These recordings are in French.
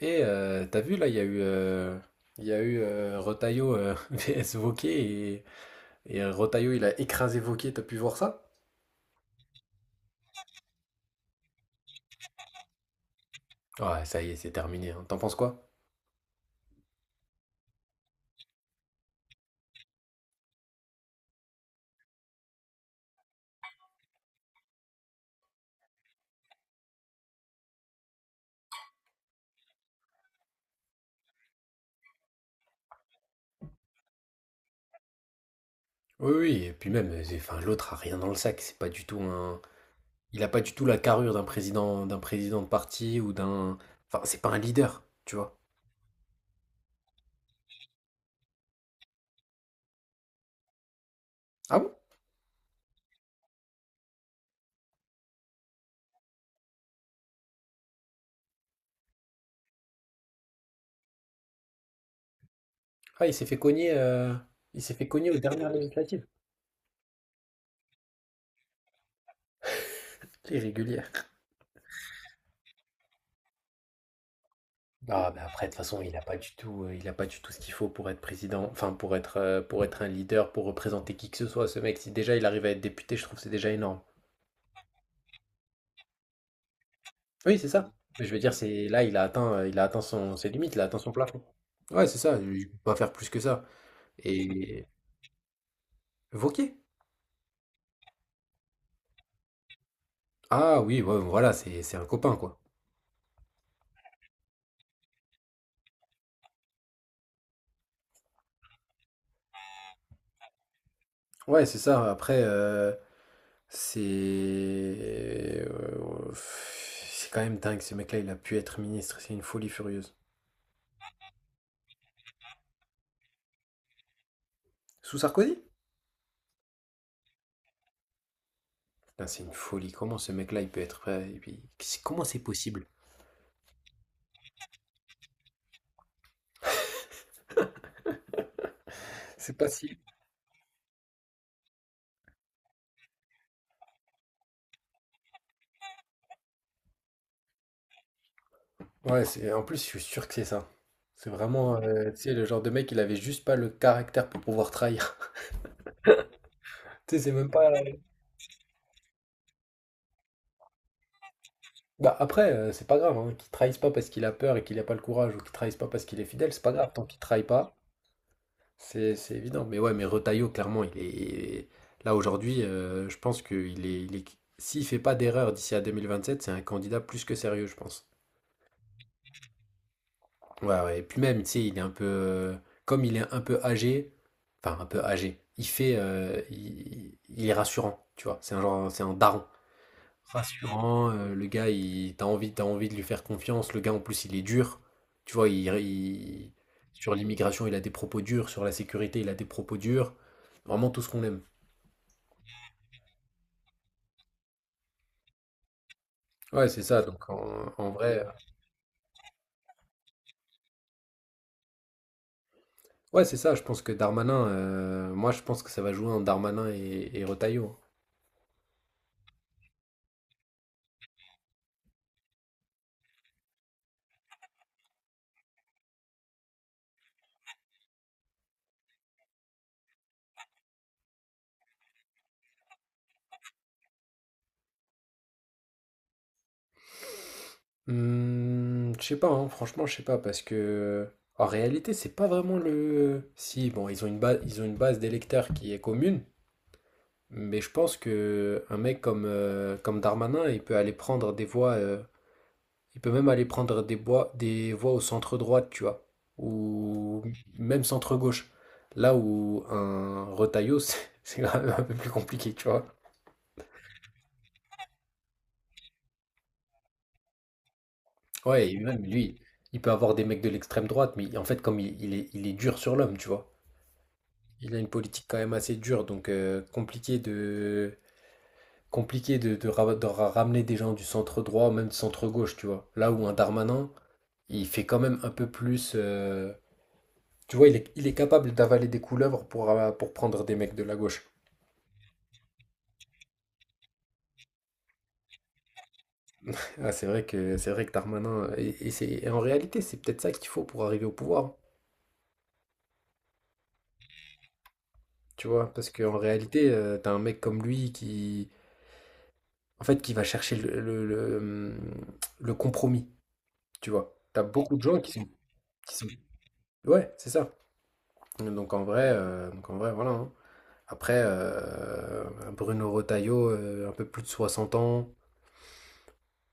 Et t'as vu là, il y a eu, Retailleau vs Wauquiez et Retailleau il a écrasé Wauquiez, t'as pu voir ça? Ouais, ça y est, c'est terminé, hein. T'en penses quoi? Oui, oui, et puis même, enfin, l'autre a rien dans le sac. C'est pas du tout un. Il a pas du tout la carrure d'un président de parti ou d'un, enfin, c'est pas un leader, tu vois. Ah bon? Ah, il s'est fait cogner aux dernières législatives. Irrégulier. Ah, bah, après, de toute façon, il a pas du tout ce qu'il faut pour être président, enfin pour être un leader, pour représenter qui que ce soit. Ce mec, si déjà il arrive à être député, je trouve que c'est déjà énorme. Oui, c'est ça. Mais je veux dire, c'est là, il a atteint son, ses limites, il a atteint son plafond. Ouais, c'est ça. Il peut pas faire plus que ça. Et Wauquiez? Ah oui, ouais, voilà, c'est un copain quoi. Ouais, c'est ça. Après, c'est quand même dingue. Ce mec-là, il a pu être ministre. C'est une folie furieuse. Sous Sarkozy? Putain, c'est une folie. Comment ce mec-là, il peut être prêt? Et puis, comment c'est possible? C'est pas si. Ouais, En plus, je suis sûr que c'est ça. C'est vraiment, tu sais, le genre de mec, il avait juste pas le caractère pour pouvoir trahir. Tu sais, c'est même pas. Bah, après, c'est pas grave, hein, qu'il trahisse pas parce qu'il a peur et qu'il a pas le courage ou qu'il trahisse pas parce qu'il est fidèle, c'est pas grave. Tant qu'il trahit pas, c'est évident. Mais ouais, mais Retailleau, clairement, il est. Là, aujourd'hui, je pense qu'il est. S'il fait pas d'erreur d'ici à 2027, c'est un candidat plus que sérieux, je pense. Ouais, ouais. Et puis même, tu sais, il est un peu, comme il est un peu âgé, enfin, un peu âgé, il fait, il est rassurant, tu vois. C'est un genre. C'est un daron. Rassurant, le gars, il, t'as envie de lui faire confiance. Le gars, en plus, il est dur. Tu vois, sur l'immigration, il a des propos durs. Sur la sécurité, il a des propos durs. Vraiment tout ce qu'on aime. Ouais, c'est ça. Donc, en vrai. Ouais, c'est ça. Je pense que Darmanin, moi, je pense que ça va jouer en Darmanin et Retailleau, hein. Mmh, je sais pas, hein, franchement, je sais pas, parce que en réalité, c'est pas vraiment le. Si, bon, ils ont une base, ils ont une base d'électeurs qui est commune, mais je pense que un mec comme Darmanin, il peut aller prendre des voix, il peut même aller prendre des voix au centre droite, tu vois, ou même centre gauche, là où un Retailleau, c'est quand même un peu plus compliqué, tu vois. Ouais, et même lui, il peut avoir des mecs de l'extrême droite, mais en fait, comme il est dur sur l'homme, tu vois. Il a une politique quand même assez dure, donc compliqué de, ramener des gens du centre droit même du centre gauche, tu vois. Là où un Darmanin, il fait quand même un peu plus, tu vois, il est capable d'avaler des couleuvres pour prendre des mecs de la gauche. Ah, c'est vrai que Darmanin. Et en réalité, c'est peut-être ça qu'il faut pour arriver au pouvoir. Tu vois, parce qu'en réalité, t'as un mec comme lui qui. En fait, qui va chercher le compromis, tu vois. T'as beaucoup de gens qui sont. Ouais, c'est ça. Donc en vrai, voilà, hein. Après, Bruno Retailleau, un peu plus de 60 ans,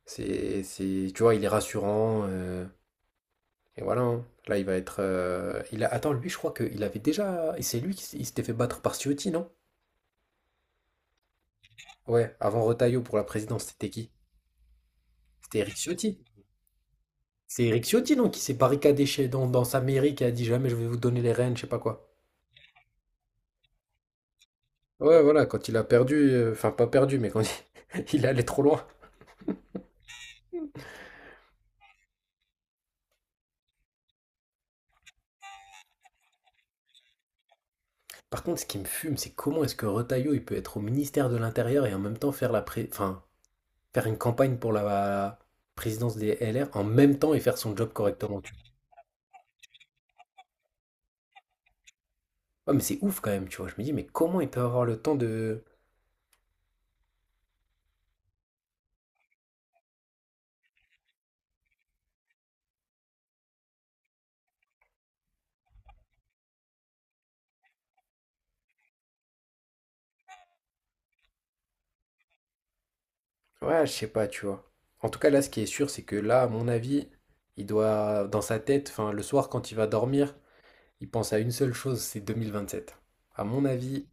c'est, tu vois, il est rassurant, et voilà, hein. Là, il va être, il a, attends, lui, je crois qu'il avait déjà. Et c'est lui qui il s'était fait battre par Ciotti, non? Ouais, avant Retailleau pour la présidence, c'était qui? C'était Eric Ciotti. C'est Eric Ciotti, non, qui s'est barricadé chez, dans sa mairie, qui a dit jamais je vais vous donner les rênes, je sais pas quoi. Ouais, voilà, quand il a perdu, enfin pas perdu, mais quand il, il allait trop loin. Par contre, ce qui me fume, c'est comment est-ce que Retailleau, il peut être au ministère de l'Intérieur et en même temps enfin, faire une campagne pour la présidence des LR en même temps et faire son job correctement, tu vois. Ouais, mais c'est ouf quand même, tu vois. Je me dis, mais comment il peut avoir le temps de... Ouais, je sais pas, tu vois. En tout cas, là, ce qui est sûr, c'est que là, à mon avis, il doit, dans sa tête, enfin, le soir, quand il va dormir, il pense à une seule chose, c'est 2027. À mon avis,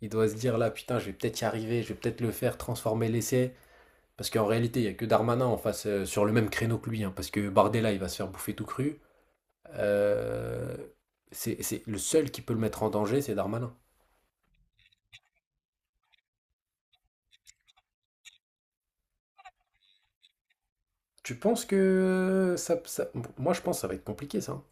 il doit se dire là, putain, je vais peut-être y arriver, je vais peut-être le faire, transformer l'essai. Parce qu'en réalité, il n'y a que Darmanin en face sur le même créneau que lui, hein, parce que Bardella, il va se faire bouffer tout cru. Euh, c'est le seul qui peut le mettre en danger, c'est Darmanin. Tu penses que moi je pense que ça va être compliqué ça, hein.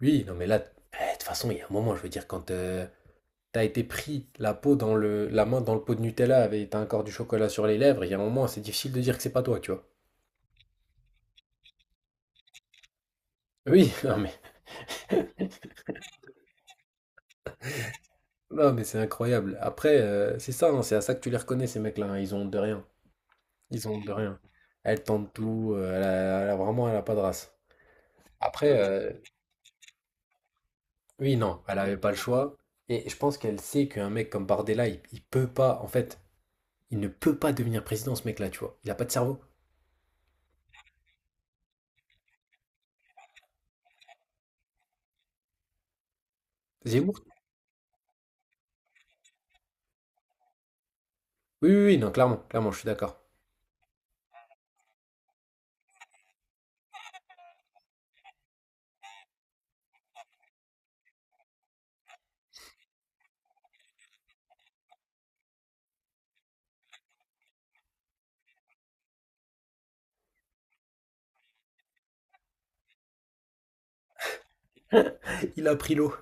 Oui, non mais là, de toute façon, il y a un moment, je veux dire, quand t'as été pris la peau dans le, la main dans le pot de Nutella avec t'as encore du chocolat sur les lèvres, il y a un moment, c'est difficile de dire que c'est pas toi, tu vois. Oui, non mais, c'est incroyable. Après, c'est ça, hein, c'est à ça que tu les reconnais ces mecs-là, hein, ils ont honte de rien. Ils ont de rien. Elle tente tout, elle a vraiment, elle a pas de race. Après, oui, non, elle avait pas le choix. Et je pense qu'elle sait qu'un mec comme Bardella, il peut pas, en fait, il ne peut pas devenir président, ce mec-là, tu vois. Il a pas de cerveau. Zemmour? Oui, oui, oui, non, clairement, clairement, je suis d'accord. Il a pris l'eau.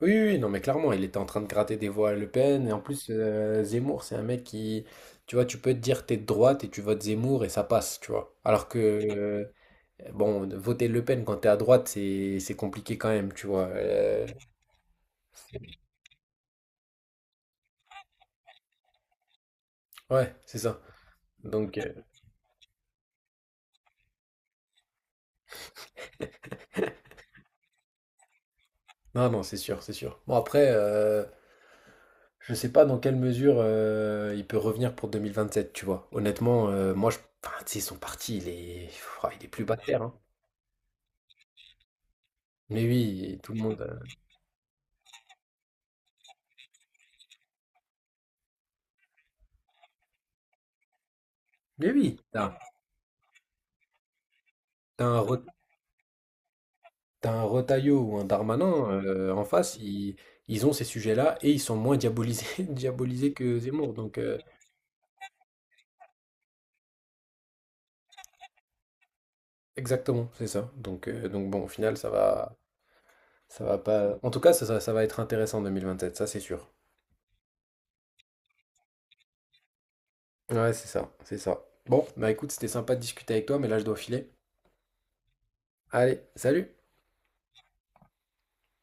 Oui, oui, oui, non, mais clairement, il était en train de gratter des voix à Le Pen. Et en plus, Zemmour, c'est un mec qui, tu vois, tu peux te dire t'es de droite et tu votes Zemmour et ça passe, tu vois. Alors que. Bon, voter Le Pen quand t'es à droite, c'est compliqué quand même, tu vois. Ouais, c'est ça. Donc, non, non, c'est sûr, c'est sûr. Bon, après, je sais pas dans quelle mesure il peut revenir pour 2027, tu vois. Honnêtement, moi, je... enfin, tu sais, son parti, il est... Ouah, il est plus bas de terre, hein. Mais oui, tout le monde... Mais oui, t'as un, Re- t'as un Retailleau ou un Darmanin en face, ils ont ces sujets-là et ils sont moins diabolisés, diabolisés que Zemmour. Donc, exactement, c'est ça. Donc, donc bon, au final, ça va pas. En tout cas, ça va être intéressant en 2027, ça c'est sûr. Ouais, c'est ça, c'est ça. Bon, bah écoute, c'était sympa de discuter avec toi, mais là je dois filer. Allez, salut!